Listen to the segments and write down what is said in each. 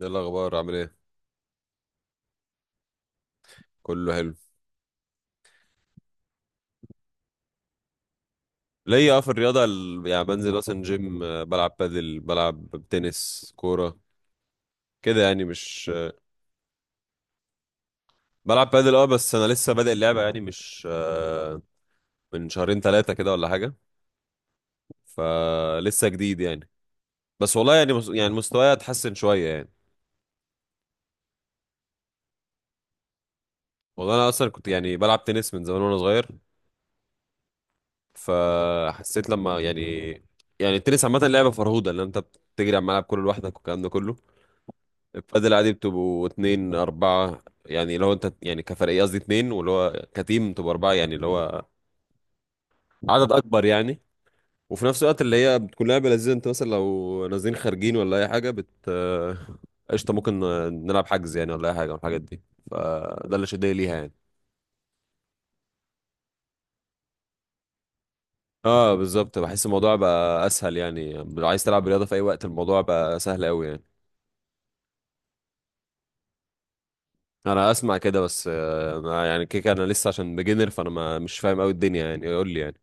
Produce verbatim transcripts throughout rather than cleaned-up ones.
ايه الاخبار؟ عامل ايه؟ كله حلو. ليا اه في الرياضه، ال- يعني بنزل مثلا جيم، آه، بلعب بادل، بلعب تنس، كوره كده يعني. مش آه، بلعب بادل. اه، بس انا لسه بادئ اللعبه يعني، مش آه، من شهرين ثلاثه كده ولا حاجه. فلسه جديد يعني. بس والله يعني، مس- يعني مستواي اتحسن شويه يعني. والله انا اصلا كنت يعني بلعب تنس من زمان وانا صغير. فحسيت لما يعني يعني التنس عامه لعبه فرهوده، ان انت بتجري على الملعب كله لوحدك والكلام ده كله. البادل عادي بتبقوا اتنين أربعة، يعني لو أنت يعني كفريق، قصدي اتنين، واللي هو كتيم تبقوا أربعة، يعني اللي هو عدد أكبر يعني. وفي نفس الوقت اللي هي بتكون لعبة لذيذة، أنت مثلا لو نازلين خارجين ولا أي حاجة بت آه، قشطة، ممكن آه، نلعب حجز يعني ولا أي حاجة من الحاجات دي. فده اللي شدني ليها يعني. اه بالظبط، بحس الموضوع بقى اسهل، يعني لو عايز تلعب رياضه في اي وقت الموضوع بقى سهل قوي يعني. انا اسمع كده، بس آه، ما يعني كيك، انا لسه عشان بيجنر، فانا ما مش فاهم قوي الدنيا يعني، يقول لي يعني.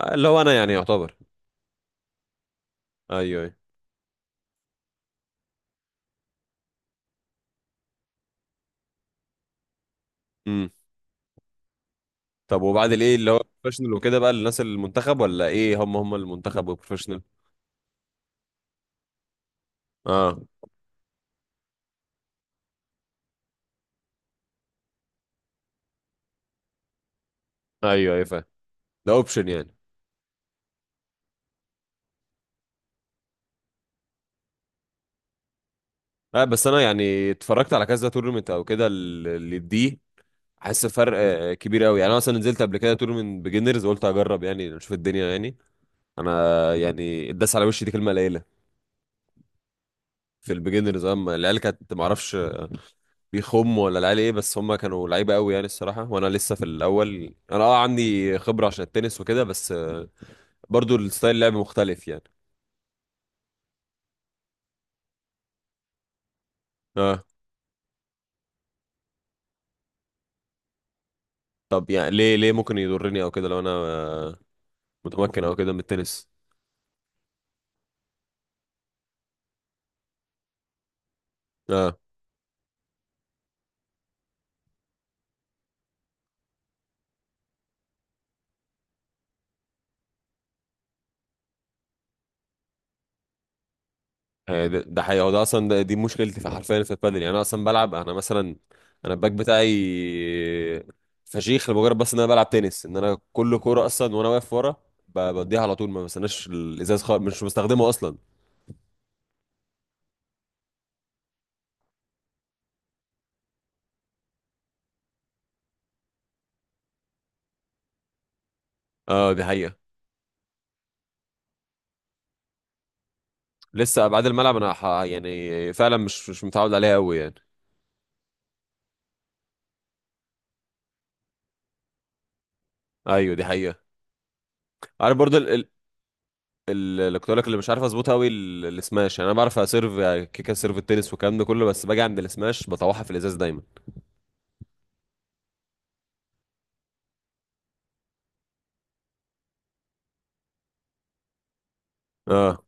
آه، اللي هو انا يعني يعتبر. ايوه، ايوه. امم. طب وبعد الايه، اللي هو بروفيشنال وكده بقى للناس المنتخب، ولا ايه؟ هم هم المنتخب والبروفيشنال. اه. ايوه، ايوه فاهم. ده اوبشن يعني. لا، بس انا يعني اتفرجت على كذا تورنمنت او كده اللي دي. حاسس فرق آه، كبير قوي يعني. انا مثلا نزلت قبل كده تورنمنت بيجنرز، قلت اجرب يعني اشوف الدنيا يعني. انا يعني اتداس على وشي، دي كلمه قليله. في البيجنرز، اما العيال كانت ما اعرفش بيخموا ولا العيال ايه، بس هم كانوا لعيبه قوي يعني الصراحه، وانا لسه في الاول. انا اه عندي خبره عشان التنس وكده، بس برضو الستايل اللعب مختلف يعني. اه. طب يعني، ليه ليه ممكن يضرني او كده لو انا آه، متمكن او كده من التنس؟ اه. هي ده ده حقيقة. هو ده اصلا، ده دي مشكلتي في، حرفيا في البادل، يعني انا اصلا بلعب. انا مثلا انا الباك بتاعي فشيخ، لمجرد بس ان انا بلعب تنس، ان انا كل كورة اصلا وانا واقف ورا ب- بديها على طول، ما بستناش الازاز خالص، مش بستخدمه اصلا. اه دي حقيقة. لسه ابعاد الملعب انا ح- يعني فعلا مش مش متعود عليها قوي يعني. ايوه، دي حقيقة. عارف برضو، ال- اللي كنت اقول لك اللي مش عارف اظبطها قوي، ال- السماش. يعني انا بعرف اسيرف يعني، كيكه سيرف التنس والكلام ده كله، بس باجي عند السماش بطوحها في الازاز دايما. اه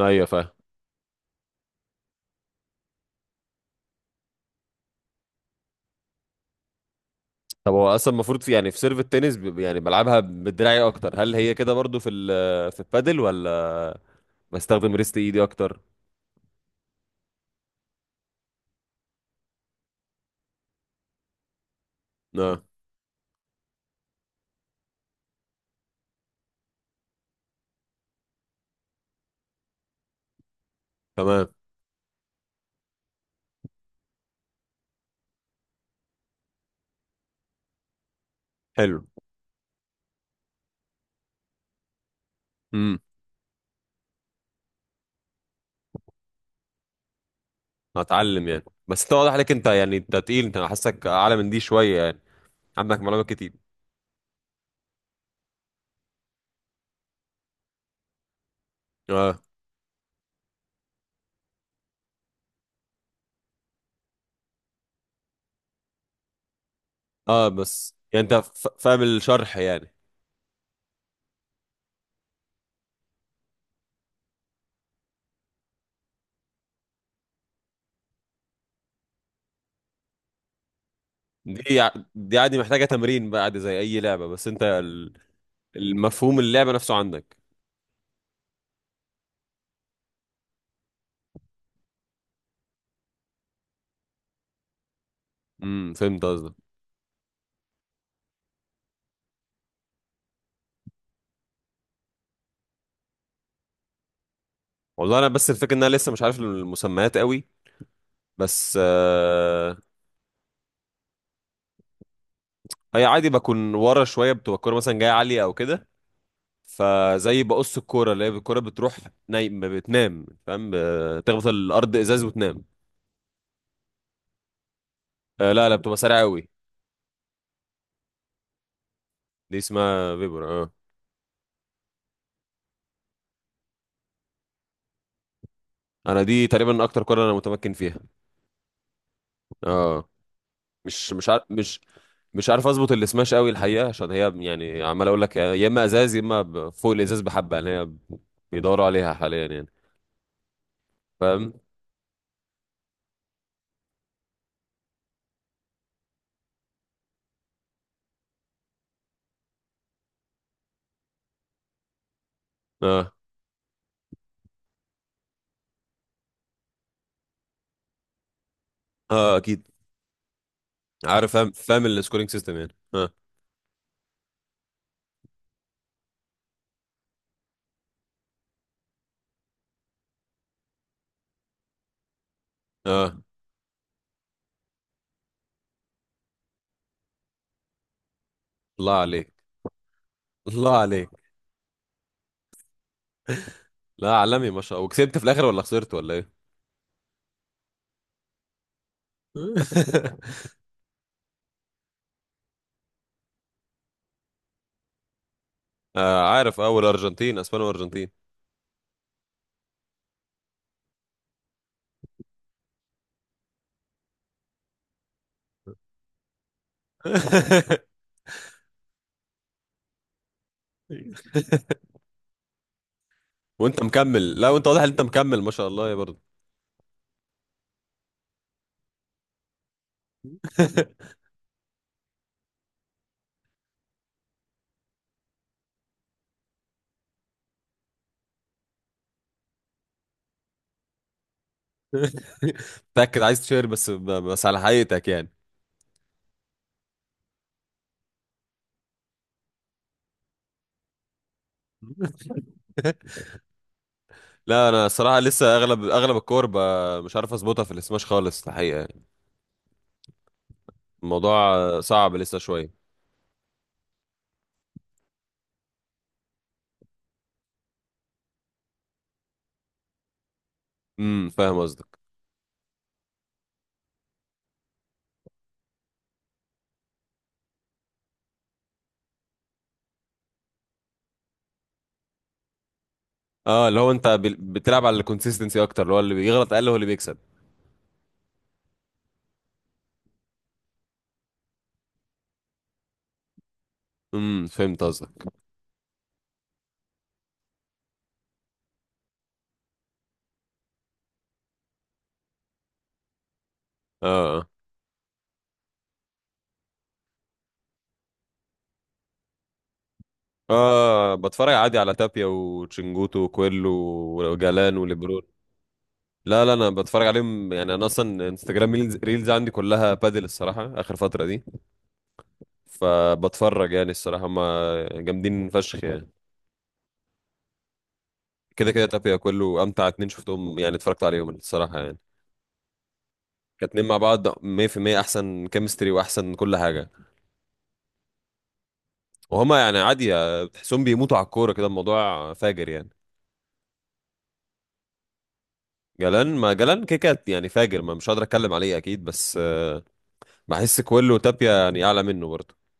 ايوه فاهم. طب هو اصلا المفروض في يعني، في سيرف التنس ب- يعني بلعبها بدراعي اكتر، هل هي كده برضو في ال- في البادل، ولا بستخدم ريست ايدي اكتر؟ اه تمام. حلو. امم. هتعلم يعني، بس انت واضح عليك، انت يعني انت تقيل. انت أنا حاسك اعلى من دي شويه يعني، عندك معلومات كتير. اه، اه. بس يعني انت ف- فاهم الشرح يعني. دي ع- دي عادي، محتاجة تمرين بقى عادي زي أي لعبة، بس أنت ال- المفهوم اللعبة نفسه عندك. امم فهمت قصدك. والله أنا بس الفكرة إن أنا لسه مش عارف المسميات قوي، بس آه، هي عادي بكون ورا شوية، بتبقى الكورة مثلا جاية عالية أو كده، فزي بقص الكورة اللي هي الكورة بتروح نايم، بتنام فاهم، ب- تخبط الأرض إزاز وتنام. آه، لا، لا، بتبقى سريعة قوي. دي اسمها فيبر، اه. أنا دي تقريبا أكتر كورة أنا متمكن فيها. اه. مش مش عارف، مش مش عارف اظبط السماش قوي الحقيقه، عشان هي يعني عمال اقول لك يا اما ازاز، يا اما ب- فوق الازاز. بحبه يعني، هي بيدوروا عليها حاليا يعني، فاهم. اه، اه اكيد. عارف، فاهم فاهم السكورينج سيستم يعني، اه. اه. الله عليك. الله عليك. لا عالمي ما شاء الله، وكسبت في الاخر ولا خسرت ولا ايه؟ آه عارف، اول ارجنتين، اسبانيا وارجنتين. وانت مكمل؟ لا، وانت واضح ان انت مكمل ما شاء الله يا برضه. متاكد عايز تشير، بس بس على حقيقتك يعني. لا انا صراحه لسه، اغلب اغلب الكور ب- مش عارف اظبطها في السماش خالص الحقيقه يعني، الموضوع صعب لسه شويه. امم فاهم قصدك. اه، اللي هو انت بال- بتلعب على الكونسيستنسي اكتر، اللي هو اللي بيغلط اقل هو اللي بيكسب. امم فهمت قصدك. اه، اه، اه، بتفرج عادي على تابيا وتشنجوتو وكويلو وجالان وليبرون. لا لا انا بتفرج عليهم يعني، انا اصلا انستجرام ريلز ريلز عندي كلها بادل الصراحه اخر فتره دي، فبتفرج يعني الصراحه. هم جامدين فشخ يعني. كده كده تابيا، كله امتع اتنين شفتهم يعني اتفرجت عليهم الصراحه يعني. كاتنين مع بعض مية في المية احسن كيمستري واحسن كل حاجه. وهما يعني عادي آه، بتحسهم بيموتوا على الكوره كده، الموضوع فاجر يعني. جلان، ما جلان كيكات يعني فاجر، ما مش قادر اتكلم عليه اكيد، بس آه، بحس كله تابيا يعني اعلى منه برضه.